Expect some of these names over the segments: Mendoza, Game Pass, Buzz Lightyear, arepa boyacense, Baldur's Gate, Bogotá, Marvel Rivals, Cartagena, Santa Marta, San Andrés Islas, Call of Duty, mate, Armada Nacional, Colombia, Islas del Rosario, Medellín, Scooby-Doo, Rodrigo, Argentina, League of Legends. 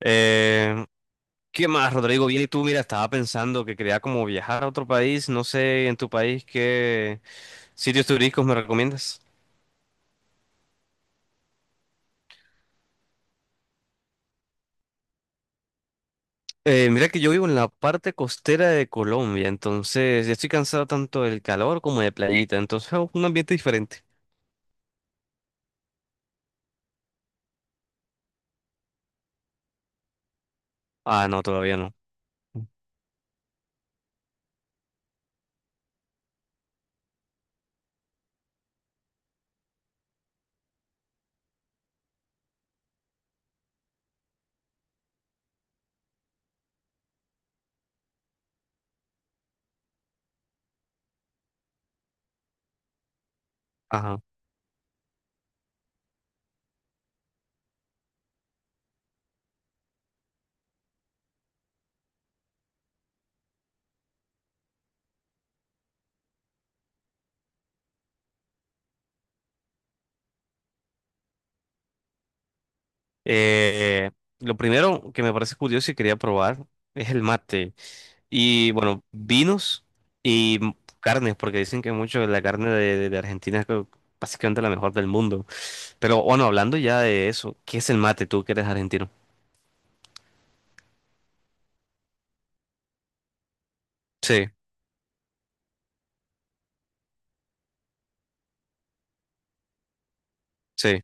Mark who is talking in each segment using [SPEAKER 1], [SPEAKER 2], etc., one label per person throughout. [SPEAKER 1] Eh, ¿Qué más, Rodrigo? Bien, ¿y tú? Mira, estaba pensando que quería como viajar a otro país, no sé, en tu país, ¿qué sitios turísticos me recomiendas? Mira que yo vivo en la parte costera de Colombia, entonces ya estoy cansado tanto del calor como de playita, entonces oh, un ambiente diferente. Ah, no, todavía no. Ajá. Eh, lo primero que me parece curioso y quería probar es el mate. Y bueno, vinos y carnes, porque dicen que mucho de la carne de Argentina es básicamente la mejor del mundo. Pero bueno, hablando ya de eso, ¿qué es el mate, tú que eres argentino? Sí, sí.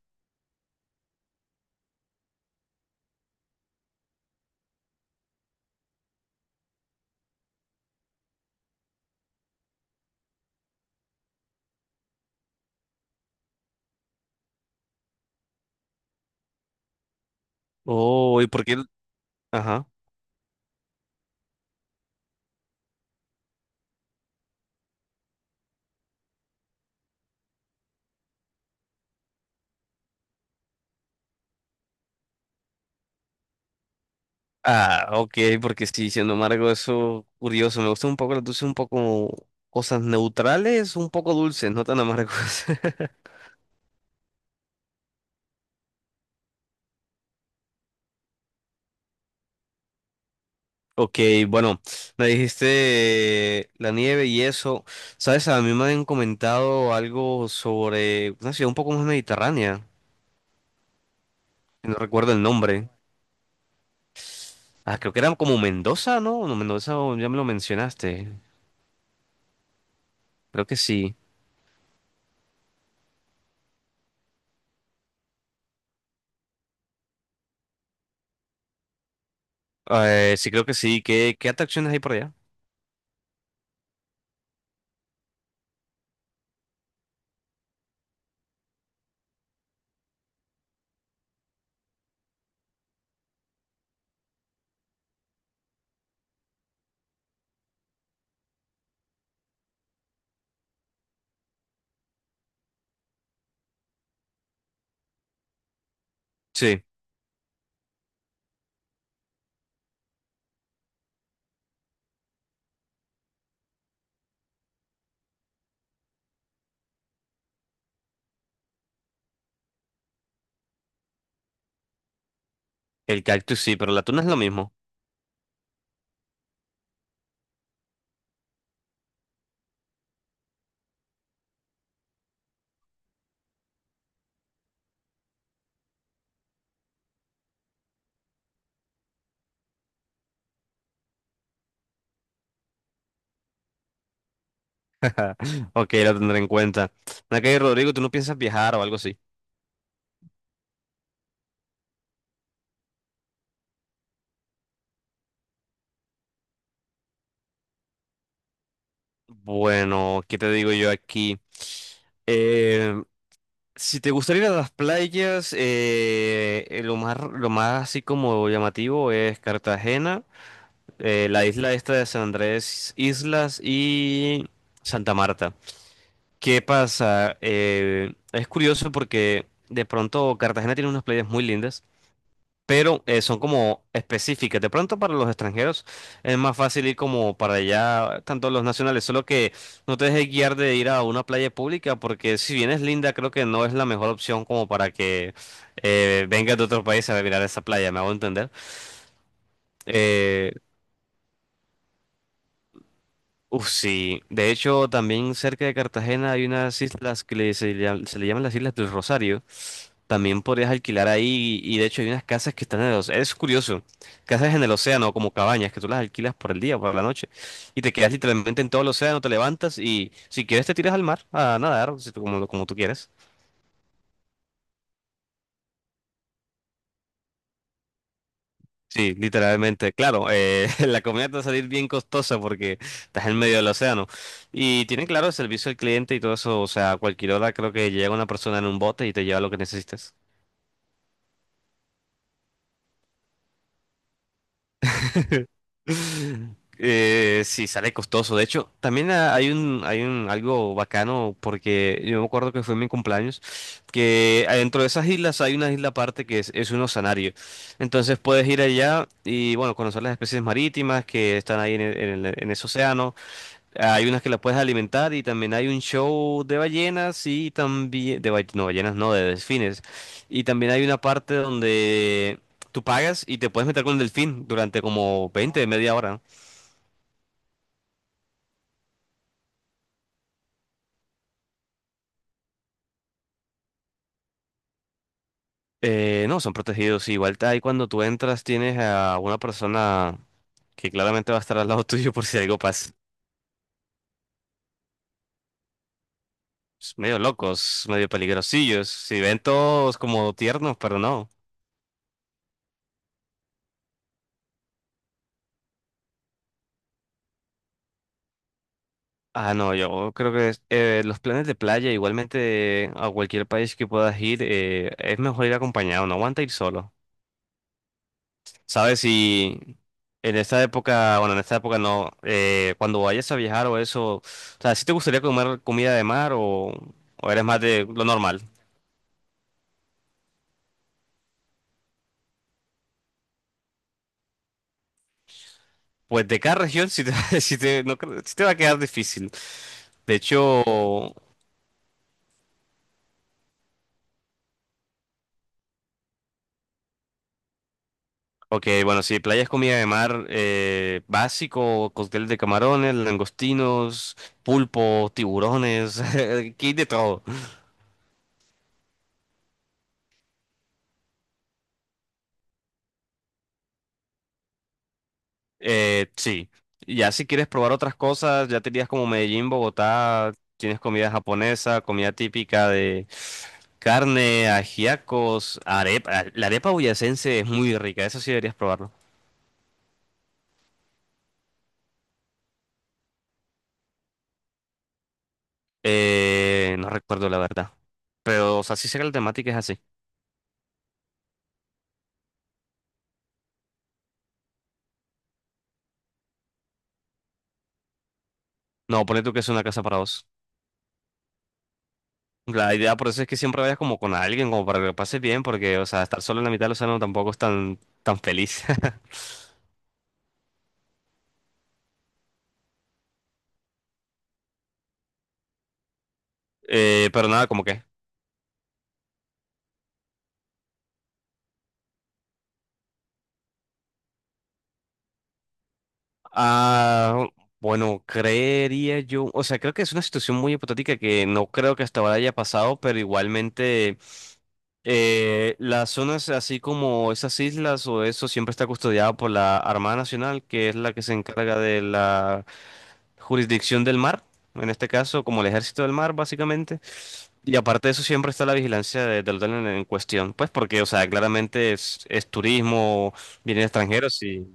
[SPEAKER 1] Oh, ¿y por qué? Ajá. Ah, ok, porque sí, siendo embargo, eso curioso. Me gusta un poco las dulces, un poco cosas neutrales, un poco dulces, no tan amargos. Ok, bueno, me dijiste la nieve y eso. Sabes, a mí me han comentado algo sobre una ciudad un poco más mediterránea. No recuerdo el nombre. Ah, creo que era como Mendoza, ¿no? No, Mendoza, o ya me lo mencionaste. Creo que sí. Sí, creo que sí. ¿Qué, qué atracciones hay por allá? Sí, el cactus sí, pero la tuna es lo mismo. Ok, la tendré en cuenta. Nakay Rodrigo, ¿tú no piensas viajar o algo así? Bueno, ¿qué te digo yo aquí? Eh, Si te gustaría ir a las playas, lo más así como llamativo es Cartagena, la isla esta de San Andrés Islas y Santa Marta. ¿Qué pasa? Es curioso porque de pronto Cartagena tiene unas playas muy lindas, pero son como específicas. De pronto para los extranjeros es más fácil ir como para allá, tanto los nacionales, solo que no te dejes guiar de ir a una playa pública, porque si bien es linda, creo que no es la mejor opción como para que vengas de otro país a mirar esa playa, me hago entender. Eh, sí, de hecho también cerca de Cartagena hay unas islas que se le llaman las Islas del Rosario. También podrías alquilar ahí y de hecho hay unas casas que están en el océano. Es curioso, casas en el océano, como cabañas que tú las alquilas por el día, por la noche, y te quedas literalmente en todo el océano, te levantas y si quieres te tiras al mar a nadar, si tú- como, como tú quieres. Sí, literalmente, claro, la comida te va a salir bien costosa porque estás en medio del océano. Y tienen claro el servicio al cliente y todo eso, o sea, a cualquier hora creo que llega una persona en un bote y te lleva lo que necesites. Sí, sale costoso. De hecho, también ah, hay un algo bacano porque yo me acuerdo que fue en mi cumpleaños, que adentro de esas islas hay una isla aparte que es un oceanario. Entonces puedes ir allá y bueno, conocer las especies marítimas que están ahí en ese océano. Hay unas que las puedes alimentar y también hay un show de ballenas y también no, ballenas no, de delfines. Y también hay una parte donde tú pagas y te puedes meter con el delfín durante como 20, media hora. No, son protegidos. Igual ahí cuando tú entras tienes a una persona que claramente va a estar al lado tuyo por si algo pasa. Es medio locos, medio peligrosillos. Si ven todos como tiernos, pero no. Ah, no, yo creo que los planes de playa, igualmente a cualquier país que puedas ir, es mejor ir acompañado, no aguanta ir solo. ¿Sabes? Si en esta época, bueno, en esta época no, cuando vayas a viajar o eso, o sea, ¿si te gustaría comer comida de mar, o eres más de lo normal? Pues de cada región sí te, no creo- sí te va a quedar difícil. De hecho, ok, bueno, sí, playa es comida de mar, básico, cóctel de camarones, langostinos, pulpo, tiburones, aquí hay de todo. Sí, ya si quieres probar otras cosas, ya tenías como Medellín, Bogotá, tienes comida japonesa, comida típica de carne, ajiacos, arepa. La arepa boyacense es muy rica, eso sí deberías probarlo. No recuerdo la verdad, pero o sea, sí sé que la temática es así. No, ponle tú que es una casa para dos. La idea por eso es que siempre vayas como con alguien, como para que lo pases bien, porque, o sea, estar solo en la mitad del océano tampoco es tan, tan feliz. Pero nada, como que. Ah, bueno, creería yo. O sea, creo que es una situación muy hipotética que no creo que hasta ahora haya pasado, pero igualmente las zonas así como esas islas o eso siempre está custodiada por la Armada Nacional, que es la que se encarga de la jurisdicción del mar, en este caso como el ejército del mar, básicamente. Y aparte de eso, siempre está la vigilancia del hotel en cuestión, pues porque, o sea, claramente es turismo, vienen extranjeros y,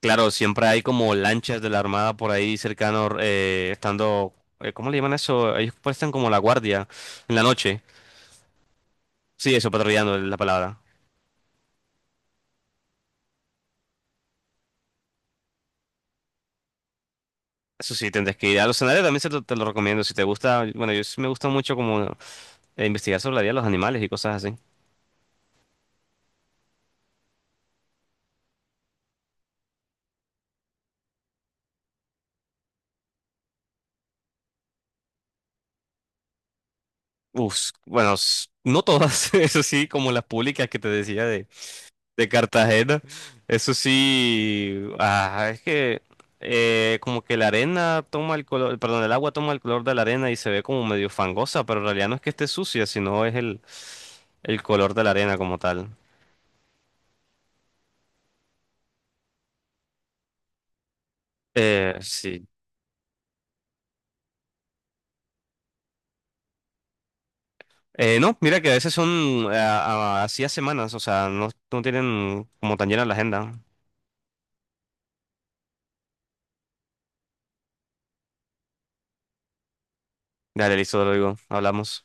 [SPEAKER 1] claro, siempre hay como lanchas de la Armada por ahí cercano, estando, ¿cómo le llaman eso? Ellos prestan como la guardia en la noche. Sí, eso, patrullando es la palabra. Eso sí, tendrás que ir a los escenarios, también te lo recomiendo, si te gusta, bueno, yo sí me gusta mucho como investigar sobre la vida de los animales y cosas así. Uf, bueno, no todas, eso sí, como las públicas que te decía de Cartagena. Eso sí, ah, es que como que la arena toma el color, perdón, el agua toma el color de la arena y se ve como medio fangosa, pero en realidad no es que esté sucia, sino es el color de la arena como tal. Sí. No, mira que a veces son así a semanas, o sea, no, no tienen como tan llena la agenda. Dale, listo, te lo digo, hablamos.